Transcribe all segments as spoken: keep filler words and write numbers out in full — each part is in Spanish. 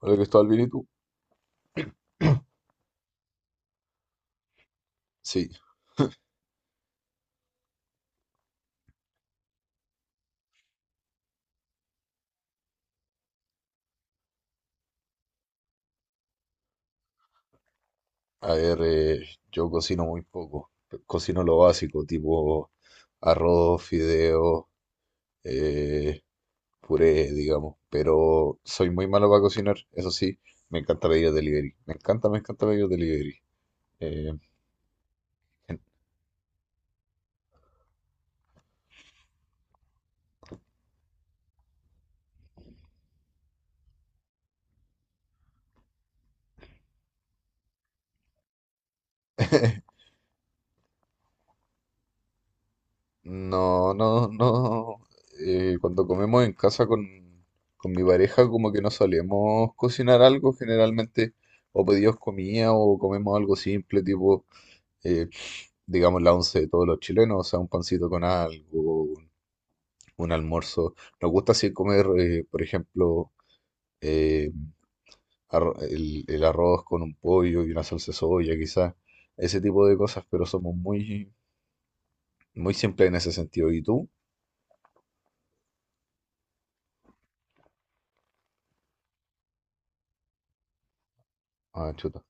Hola Cristóbal, ¿bien y tú? Sí, a ver, eh, yo cocino muy poco. Cocino lo básico, tipo arroz, fideos, eh, puré, digamos. Pero soy muy malo para cocinar, eso sí, me encanta pedir delivery. Me encanta, me encanta pedir delivery. Eh, en- no, no, no. eh, cuando comemos en casa con, con mi pareja, como que no solemos cocinar algo, generalmente o pedimos comida o comemos algo simple, tipo eh, digamos, la once de todos los chilenos, o sea, un pancito con algo, un, un almuerzo. Nos gusta así comer, eh, por ejemplo, eh, arro- el, el arroz con un pollo y una salsa de soya, quizás, ese tipo de cosas, pero somos muy, muy simples en ese sentido. ¿Y tú? Ah, chuta,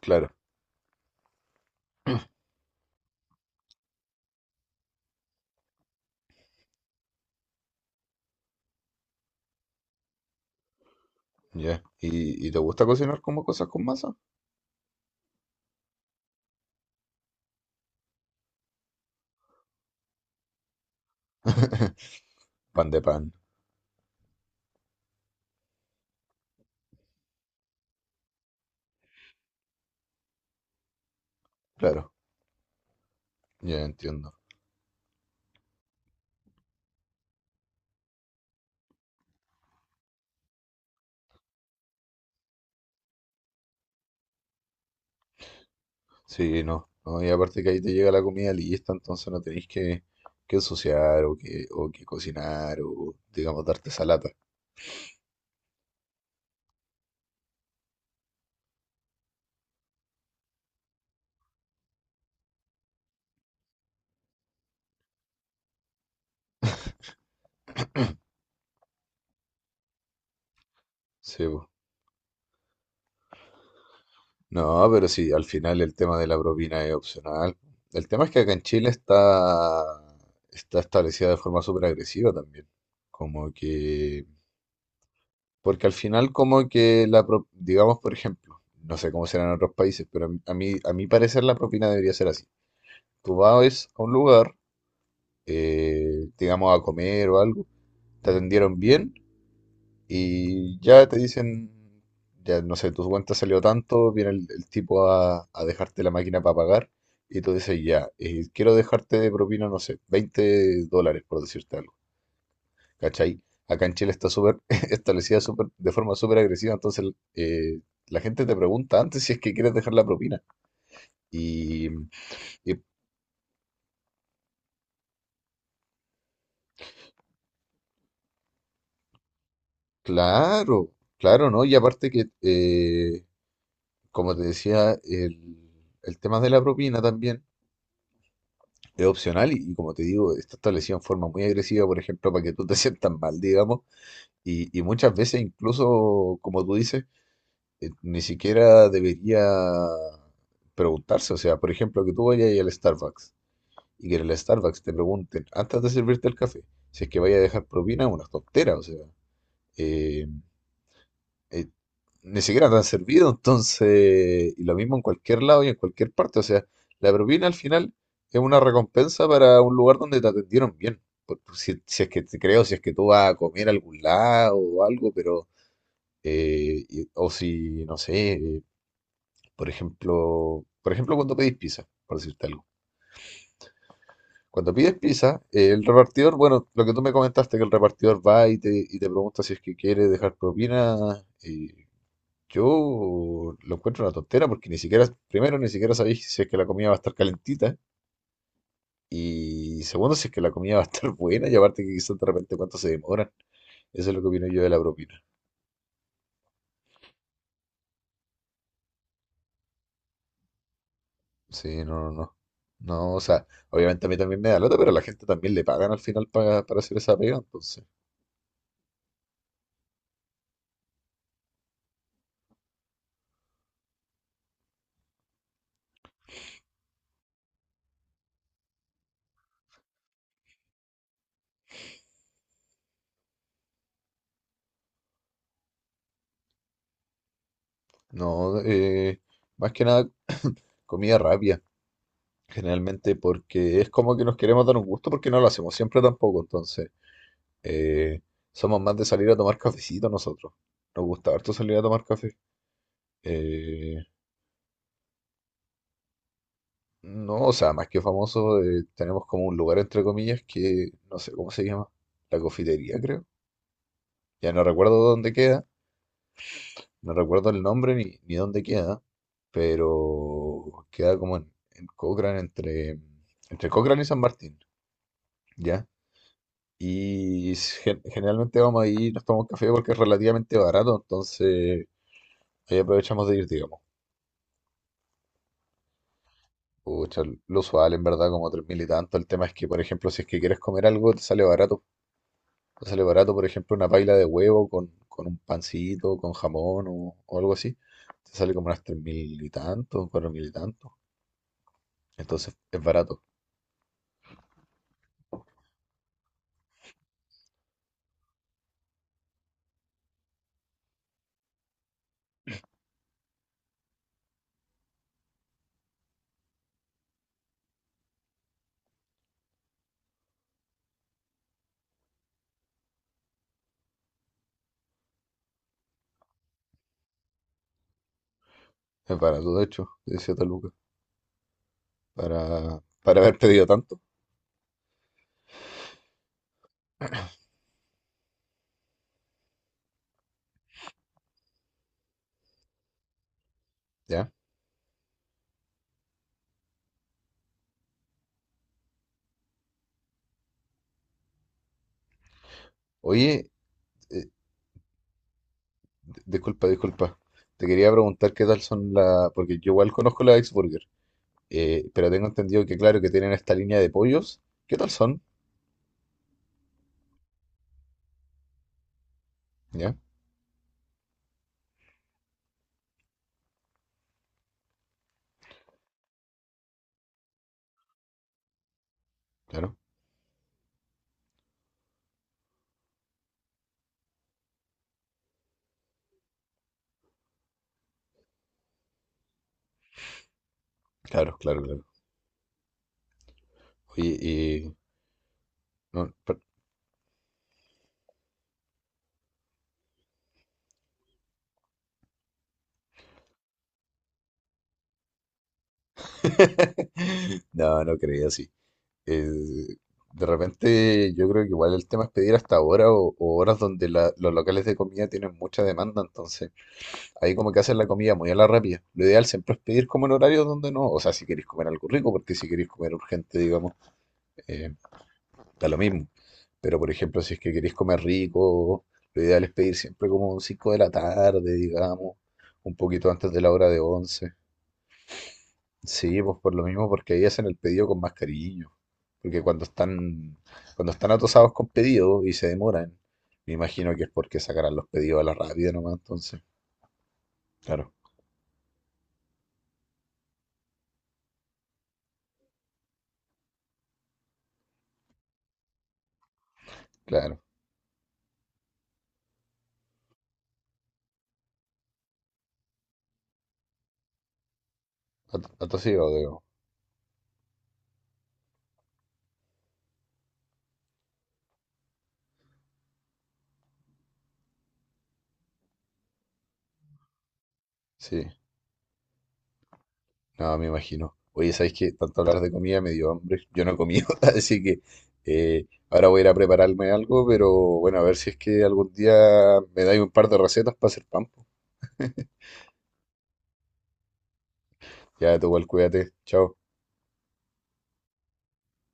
claro, ya. ¿Y, y te gusta cocinar como cosas con masa? Pan de pan, claro, ya entiendo. Sí, no, no, y aparte que ahí te llega la comida lista, entonces no tenéis que, que ensuciar o que, o que cocinar o, digamos, darte esa lata. Sí, po. No, pero sí, al final el tema de la propina es opcional. El tema es que acá en Chile está, está establecida de forma súper agresiva también. Como que, porque al final como que la, pro- digamos, por ejemplo, no sé cómo será en otros países, pero a mí, a mí a mi parecer la propina debería ser así. Tú vas a un lugar eh, digamos, a comer o algo, te atendieron bien y ya te dicen, ya no sé, tu cuenta salió tanto, viene el, el tipo a, a dejarte la máquina para pagar y tú dices, ya, eh, quiero dejarte de propina, no sé, veinte dólares por decirte algo, ¿cachai? Acá en Chile está súper establecida súper- de forma súper agresiva, entonces eh, la gente te pregunta antes si es que quieres dejar la propina. Y, y claro, claro, ¿no? Y aparte que eh, como te decía, el, el tema de la propina también es opcional y, y como te digo, está establecido en forma muy agresiva, por ejemplo, para que tú te sientas mal, digamos, y, y muchas veces incluso, como tú dices, eh, ni siquiera debería preguntarse, o sea, por ejemplo, que tú vayas al Starbucks y que en el Starbucks te pregunten antes de servirte el café si es que vaya a dejar propina, es una tontera, o sea, eh, eh, ni siquiera te han servido, entonces, y lo mismo en cualquier lado y en cualquier parte, o sea, la propina al final es una recompensa para un lugar donde te atendieron bien, Por- por si, si es que te creo, si es que tú vas a comer a algún lado o algo, pero, eh, y- o si, no sé, eh, por ejemplo, por ejemplo cuando pedís pizza, por decirte algo. Cuando pides pizza, eh, el repartidor, bueno, lo que tú me comentaste, que el repartidor va y te, y te pregunta si es que quiere dejar propina, eh, yo lo encuentro una tontera porque ni siquiera, primero, ni siquiera sabéis si es que la comida va a estar calentita y segundo, si es que la comida va a estar buena y aparte que quizás de repente cuánto se demoran. Eso es lo que opino yo de la propina. Sí, no, no, no. No, o sea, obviamente a mí también me da lata, pero a la gente también le pagan al final para, para hacer esa pega, entonces. No, eh, más que nada comida rápida, generalmente porque es como que nos queremos dar un gusto porque no lo hacemos siempre tampoco, entonces. Eh, somos más de salir a tomar cafecito nosotros. Nos gusta harto salir a tomar café. Eh, no, o sea, más que famoso, eh, tenemos como un lugar entre comillas que no sé cómo se llama. La cofitería, creo. Ya no recuerdo dónde queda, no recuerdo el nombre ni, ni dónde queda, pero queda como en, en Cochrane, entre, entre Cochrane y San Martín, ¿ya? Y gen- generalmente vamos ahí, nos tomamos café porque es relativamente barato, entonces ahí aprovechamos de ir, digamos. Pucha, lo usual en verdad como tres mil y tanto. El tema es que, por ejemplo, si es que quieres comer algo, te sale barato. Te sale barato, por ejemplo, una paila de huevo con, con un pancito, con jamón o, o algo así. Te sale como unas tres mil y tanto, cuatro mil y tanto. Entonces es barato. Es barato, de hecho, decía Taluca. Para, para haber pedido tanto, ¿ya? Oye, eh, di- disculpa, disculpa. Te quería preguntar qué tal son las... Porque yo igual conozco la Ex Burger. eh, pero tengo entendido que, claro, que tienen esta línea de pollos. ¿Qué tal son? ¿Ya? Claro, claro, claro, claro. Oye, y... No, per- no, no creía así. Eh, de repente yo creo que igual el tema es pedir hasta ahora o, o horas donde la- los locales de comida tienen mucha demanda, entonces ahí como que hacen la comida muy a la rápida. Lo ideal siempre es pedir como en horarios donde no, o sea, si queréis comer algo rico, porque si queréis comer urgente, digamos, eh, da lo mismo. Pero por ejemplo, si es que queréis comer rico, lo ideal es pedir siempre como cinco de la tarde, digamos, un poquito antes de la hora de once. Sí, pues por lo mismo, porque ahí hacen el pedido con más cariño. Porque cuando están, cuando están atosados con pedidos y se demoran, me imagino que es porque sacarán los pedidos a la rápida nomás, entonces. Claro, claro. At- Atosido, digo. Sí, no, me imagino. Oye, ¿sabéis que tanto hablar de comida me dio hambre? Yo no he comido, así que eh, ahora voy a ir a prepararme algo, pero bueno, a ver si es que algún día me dais un par de recetas para hacer pan. Po. Ya, tú igual, cuídate. Chao.